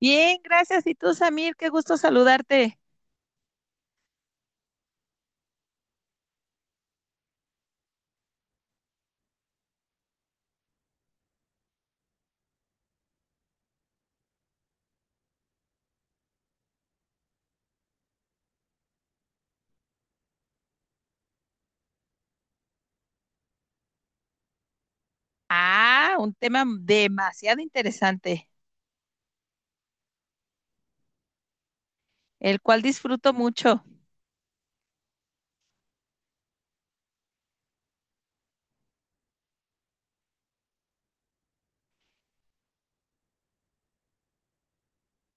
Bien, gracias. Y tú, Samir, qué gusto saludarte. Ah, un tema demasiado interesante, el cual disfruto mucho.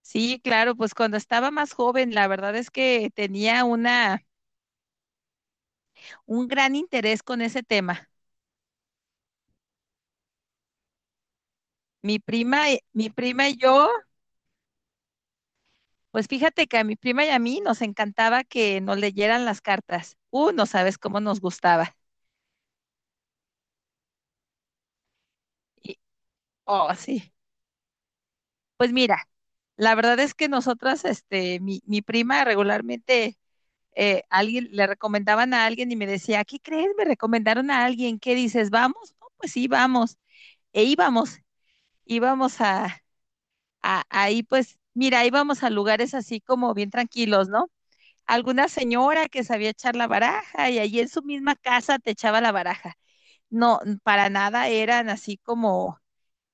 Sí, claro, pues cuando estaba más joven, la verdad es que tenía una, un gran interés con ese tema. Mi prima y yo, pues fíjate que a mi prima y a mí nos encantaba que nos leyeran las cartas. No sabes cómo nos gustaba. Y, oh, sí. Pues mira, la verdad es que nosotras, este, mi prima regularmente alguien le recomendaban a alguien y me decía, ¿qué crees? Me recomendaron a alguien, ¿qué dices? ¿Vamos? No, pues sí, vamos. E íbamos, íbamos a ahí pues, mira, íbamos a lugares así como bien tranquilos, ¿no? Alguna señora que sabía echar la baraja y allí en su misma casa te echaba la baraja. No, para nada eran así como,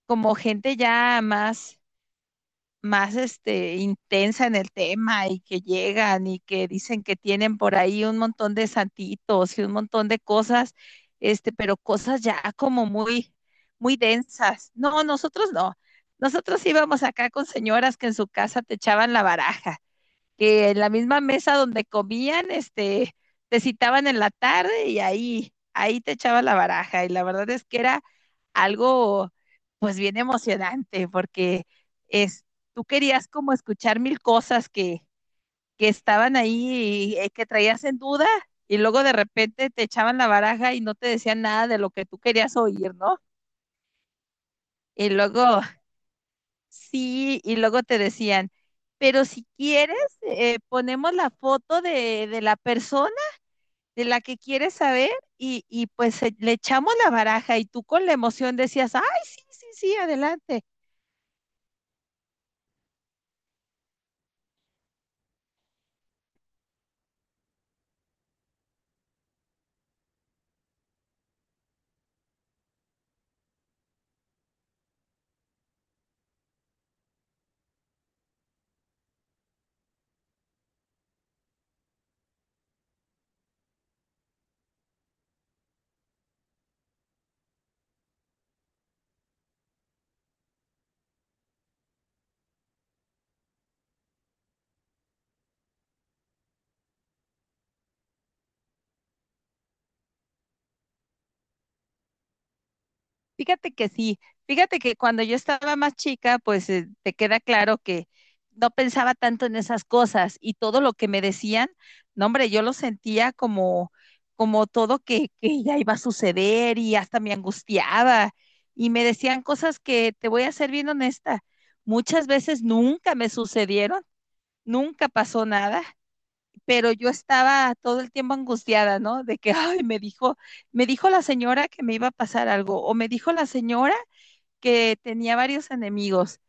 como gente ya más este, intensa en el tema y que llegan y que dicen que tienen por ahí un montón de santitos y un montón de cosas, este, pero cosas ya como muy, muy densas. No, nosotros no. Nosotros íbamos acá con señoras que en su casa te echaban la baraja que en la misma mesa donde comían, este, te citaban en la tarde y ahí, ahí te echabas la baraja. Y la verdad es que era algo, pues bien emocionante, porque es, tú querías como escuchar mil cosas que estaban ahí y, que traías en duda, y luego de repente te echaban la baraja y no te decían nada de lo que tú querías oír, ¿no? Y luego sí, y luego te decían, pero si quieres, ponemos la foto de la persona de la que quieres saber y pues le echamos la baraja, y tú con la emoción decías, ay, sí, sí, sí, adelante. Fíjate que sí, fíjate que cuando yo estaba más chica, pues te queda claro que no pensaba tanto en esas cosas y todo lo que me decían, no hombre, yo lo sentía como, como todo que ya iba a suceder y hasta me angustiaba, y me decían cosas que te voy a ser bien honesta, muchas veces nunca me sucedieron, nunca pasó nada, pero yo estaba todo el tiempo angustiada, ¿no? De que, ay, me dijo la señora que me iba a pasar algo, o me dijo la señora que tenía varios enemigos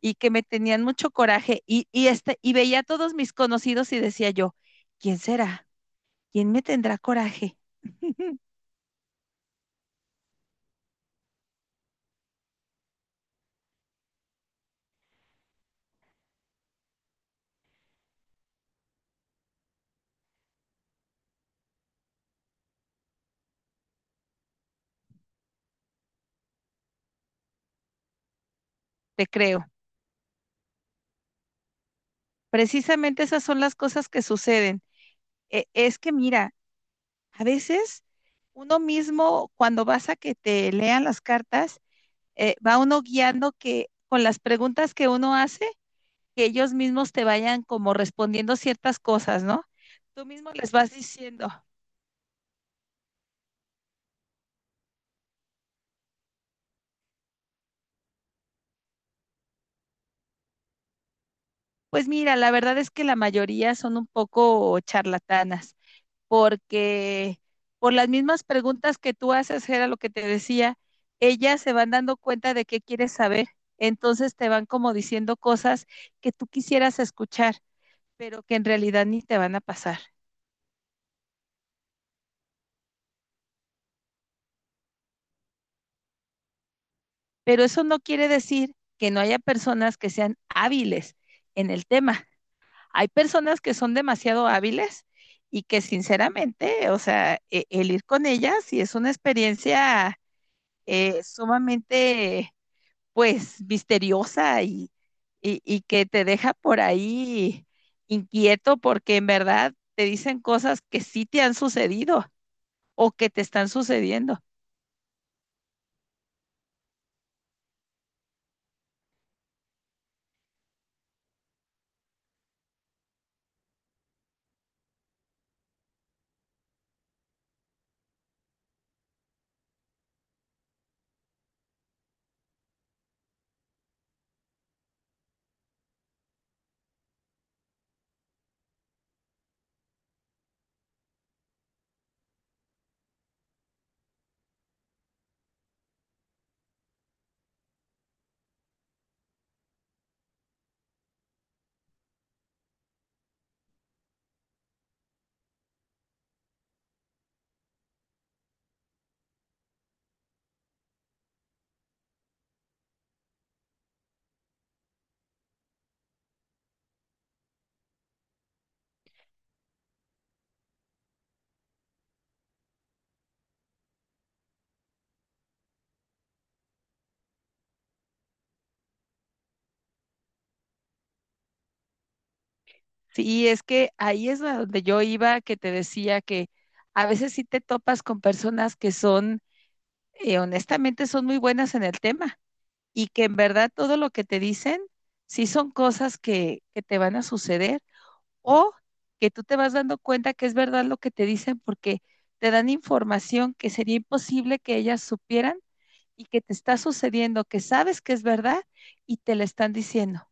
y que me tenían mucho coraje y, este, y veía a todos mis conocidos y decía yo, ¿quién será? ¿Quién me tendrá coraje? Te creo. Precisamente esas son las cosas que suceden. Es que mira, a veces uno mismo cuando vas a que te lean las cartas, va uno guiando que con las preguntas que uno hace, que ellos mismos te vayan como respondiendo ciertas cosas, ¿no? Tú mismo les vas diciendo. Pues mira, la verdad es que la mayoría son un poco charlatanas, porque por las mismas preguntas que tú haces, era lo que te decía, ellas se van dando cuenta de qué quieres saber, entonces te van como diciendo cosas que tú quisieras escuchar, pero que en realidad ni te van a pasar. Pero eso no quiere decir que no haya personas que sean hábiles en el tema. Hay personas que son demasiado hábiles y que sinceramente, o sea, el ir con ellas sí es una experiencia sumamente, pues, misteriosa y, y que te deja por ahí inquieto porque en verdad te dicen cosas que sí te han sucedido o que te están sucediendo. Sí, es que ahí es a donde yo iba, que te decía que a veces sí te topas con personas que son, honestamente, son muy buenas en el tema y que en verdad todo lo que te dicen sí son cosas que te van a suceder o que tú te vas dando cuenta que es verdad lo que te dicen porque te dan información que sería imposible que ellas supieran y que te está sucediendo, que sabes que es verdad y te la están diciendo.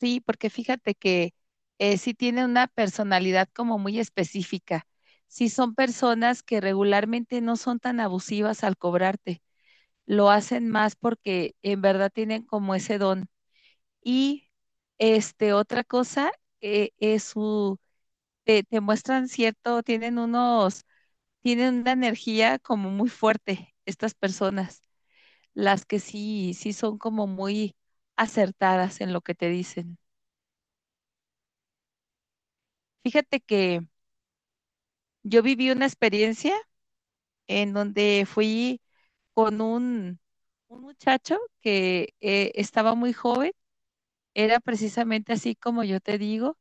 Sí, porque fíjate que sí tiene una personalidad como muy específica. Sí son personas que regularmente no son tan abusivas al cobrarte, lo hacen más porque en verdad tienen como ese don. Y este, otra cosa es su, te muestran cierto, tienen unos, tienen una energía como muy fuerte estas personas, las que sí, sí son como muy acertadas en lo que te dicen. Fíjate que yo viví una experiencia en donde fui con un muchacho que estaba muy joven, era precisamente así como yo te digo,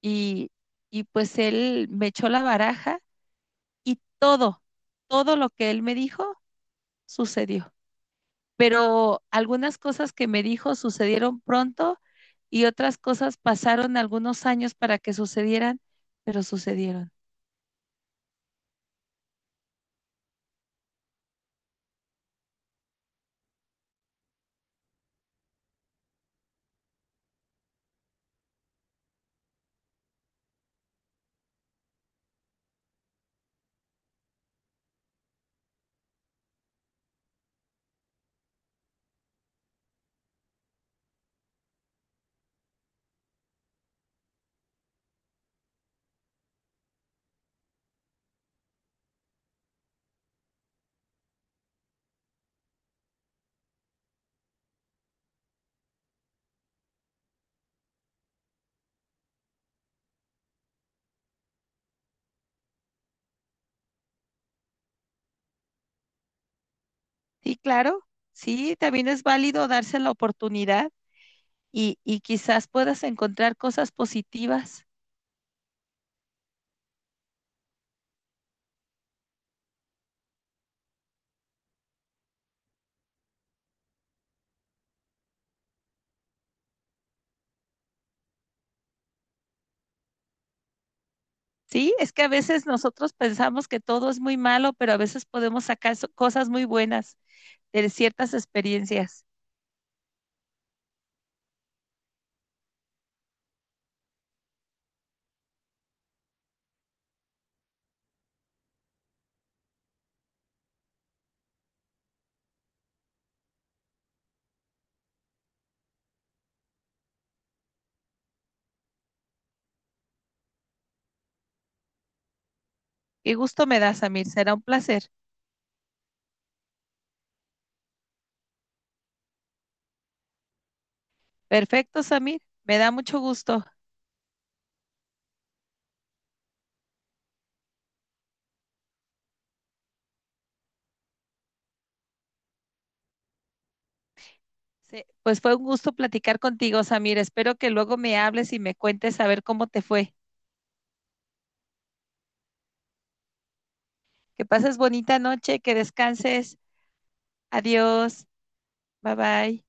y, y pues él me echó la baraja y todo, todo lo que él me dijo sucedió. Pero algunas cosas que me dijo sucedieron pronto y otras cosas pasaron algunos años para que sucedieran, pero sucedieron. Sí, claro, sí, también es válido darse la oportunidad y quizás puedas encontrar cosas positivas. Sí, es que a veces nosotros pensamos que todo es muy malo, pero a veces podemos sacar cosas muy buenas de ciertas experiencias. Qué gusto me da, Samir, será un placer. Perfecto, Samir. Me da mucho gusto. Pues fue un gusto platicar contigo, Samir. Espero que luego me hables y me cuentes a ver cómo te fue. Que pases bonita noche, que descanses. Adiós. Bye bye.